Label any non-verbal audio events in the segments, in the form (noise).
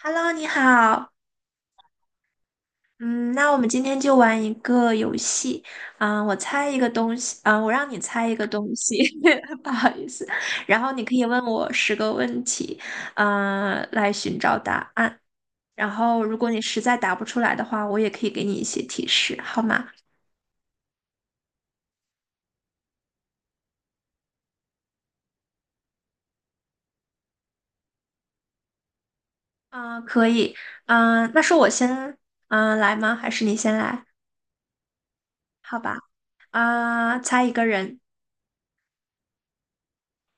Hello，你好。嗯，那我们今天就玩一个游戏。我猜一个东西，我让你猜一个东西，(laughs) 不好意思。然后你可以问我10个问题，来寻找答案。然后如果你实在答不出来的话，我也可以给你一些提示，好吗？嗯，可以。那是我先，来吗？还是你先来？好吧。啊，猜一个人。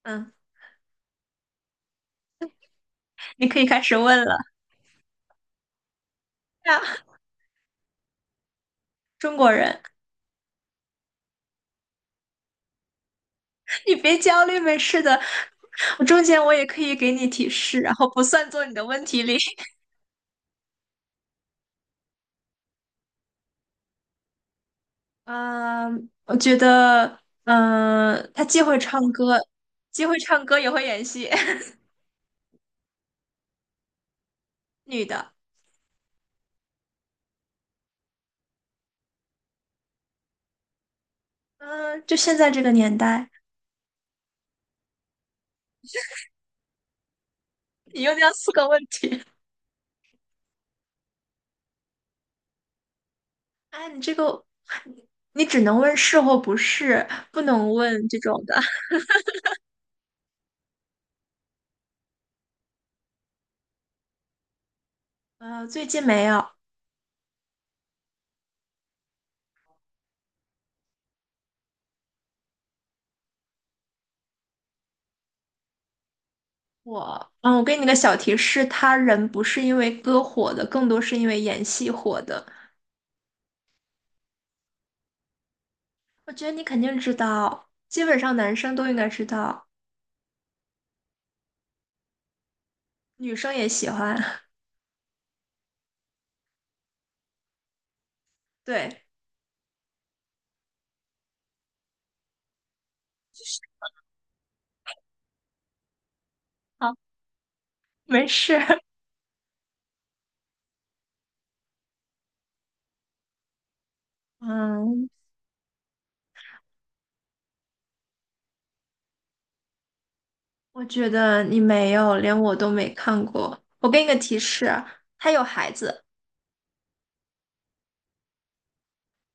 嗯，你可以开始问了。(laughs) 中国人。你别焦虑，没事的。我中间我也可以给你提示，然后不算做你的问题里。(laughs) 嗯，我觉得，他既会唱歌，既会唱歌也会演戏，(laughs) 女的。嗯，就现在这个年代，你又掉4个问题。哎，你这个，你只能问是或不是，不能问这种的。最近没有。我给你个小提示，他人不是因为歌火的，更多是因为演戏火的。我觉得你肯定知道，基本上男生都应该知道，女生也喜欢。(laughs) 对，好，没事。(laughs) 嗯，我觉得你没有，连我都没看过。我给你个提示，他有孩子，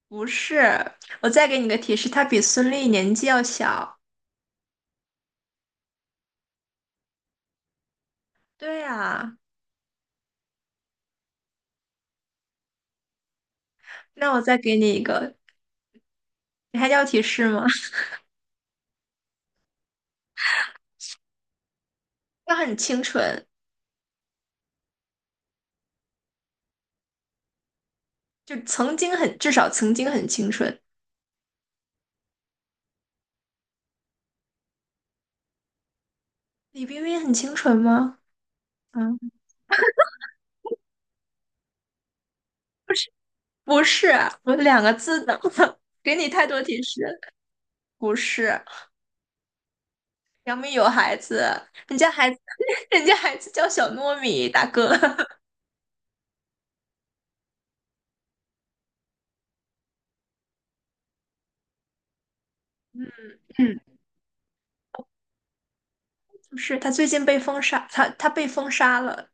不是。我再给你个提示，他比孙俪年纪要小。对呀，那我再给你一个，你还要提示吗？(laughs) 他很清纯，就曾经很，至少曾经很清纯。李冰冰很清纯吗？嗯。不是，我两个字的，(laughs) 给你太多提示。不是，杨幂有孩子，人家孩子，(laughs) 人家孩子叫小糯米，大哥。(laughs) 嗯，嗯，不是，他最近被封杀，他被封杀了，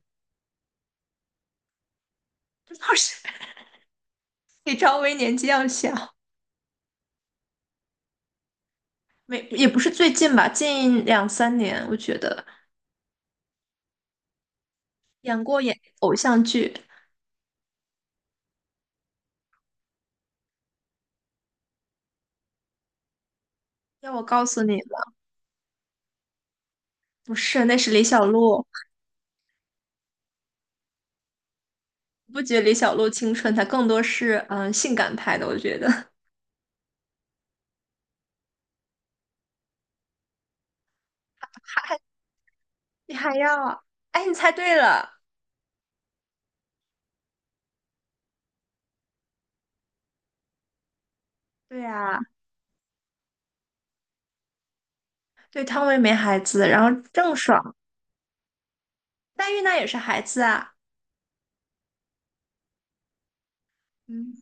不是，(laughs) 比赵薇年纪要小，没也不是最近吧，近两三年，我觉得演过演，要我告诉你吗？不是，那是李小璐，不觉得李小璐青春，她更多是嗯性感派的，我觉得。(laughs) 你还要，哎，你猜对了，对呀、对，汤唯没孩子，然后郑爽、代孕那也是孩子啊。嗯，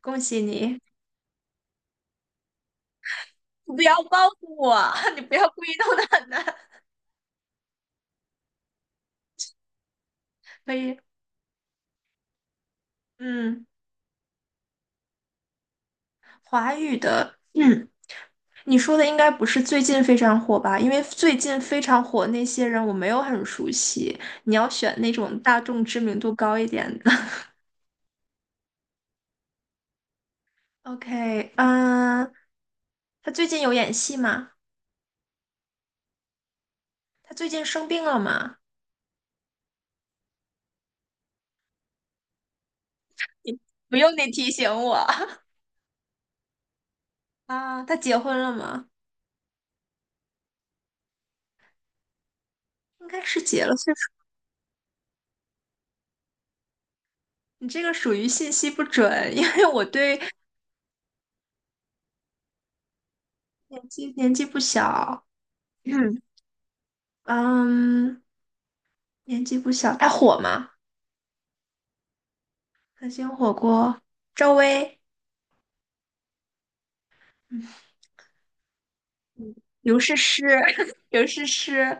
恭喜你！你不要报复我，(laughs) 你不要故意弄得很难。(laughs) 可以，嗯，华语的，你说的应该不是最近非常火吧？因为最近非常火那些人我没有很熟悉，你要选那种大众知名度高一点的。(laughs) OK,他最近有演戏吗？他最近生病了吗？不用你提醒我 (laughs) 啊，他结婚了吗？应该是结了岁数，你这个属于信息不准，因为我对年纪不小，嗯嗯，年纪不小，他火吗？可心火锅，赵薇，刘诗诗，(laughs) 刘诗诗，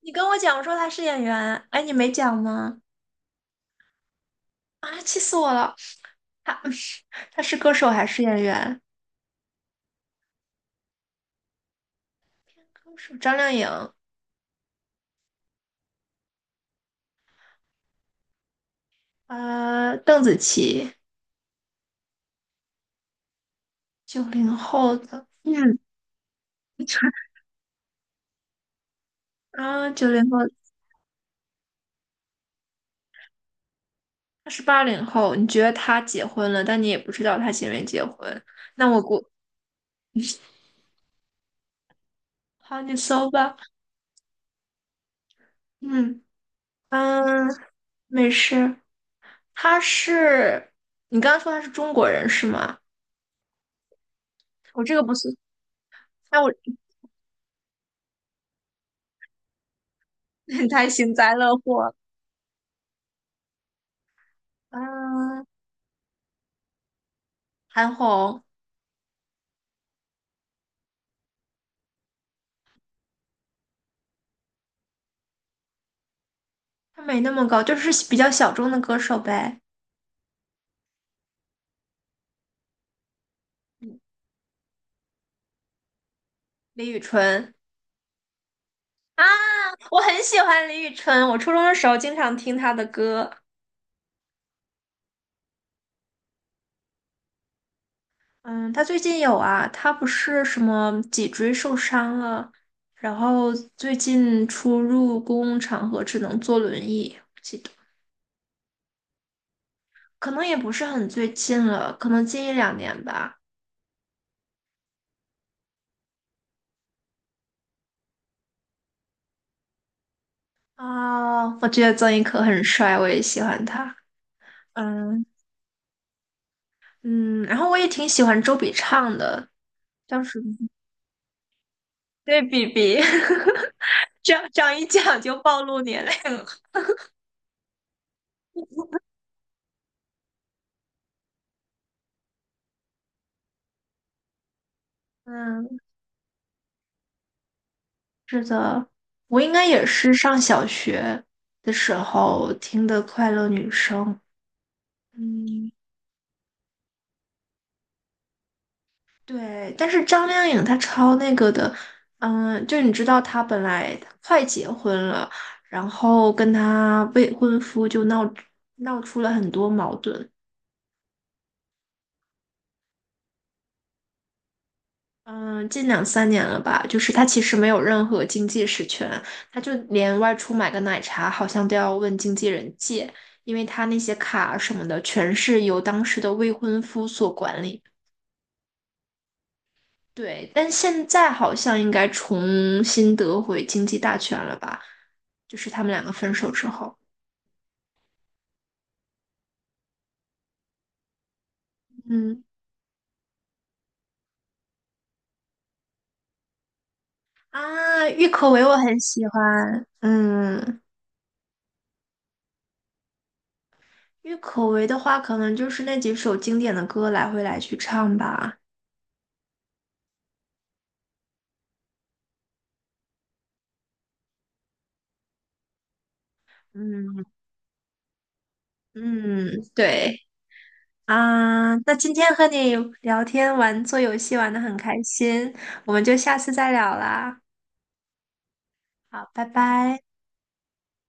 你跟我讲说她是演员，哎，你没讲吗？啊，气死我了！她 (laughs) 她是歌手还是演员？歌手张靓颖，邓紫棋，九零后的，嗯，(laughs) 啊，90后，他是80后，你觉得他结婚了，但你也不知道他结没结婚。那我估，好，你搜吧。嗯嗯，没事。他是，你刚刚说他是中国人是吗？我这个不是 (laughs)，那我 (laughs) 太幸灾乐祸了。嗯，韩红，他没那么高，就是比较小众的歌手呗。嗯李宇春啊，我很喜欢李宇春，我初中的时候经常听她的歌。嗯，他最近有啊，他不是什么脊椎受伤了，然后最近出入公共场合只能坐轮椅，我记得可能也不是很最近了，可能近一两年吧。啊、我觉得曾轶可很帅，我也喜欢他。嗯嗯，然后我也挺喜欢周笔畅的，叫什么？对，比比，(laughs) 这样一讲就暴露年龄了。嗯，是的，我应该也是上小学的时候听的《快乐女声》。嗯，对。但是张靓颖她超那个的，就你知道她本来她快结婚了，然后跟她未婚夫就闹出了很多矛盾，嗯，近两三年了吧，就是他其实没有任何经济实权，他就连外出买个奶茶好像都要问经纪人借，因为他那些卡啊什么的全是由当时的未婚夫所管理。对，但现在好像应该重新得回经济大权了吧？就是他们两个分手之后，嗯啊，郁可唯我很喜欢，郁可唯的话可能就是那几首经典的歌来回来去唱吧。嗯，嗯，对啊，那今天和你聊天玩做游戏玩的很开心，我们就下次再聊啦。好，拜拜。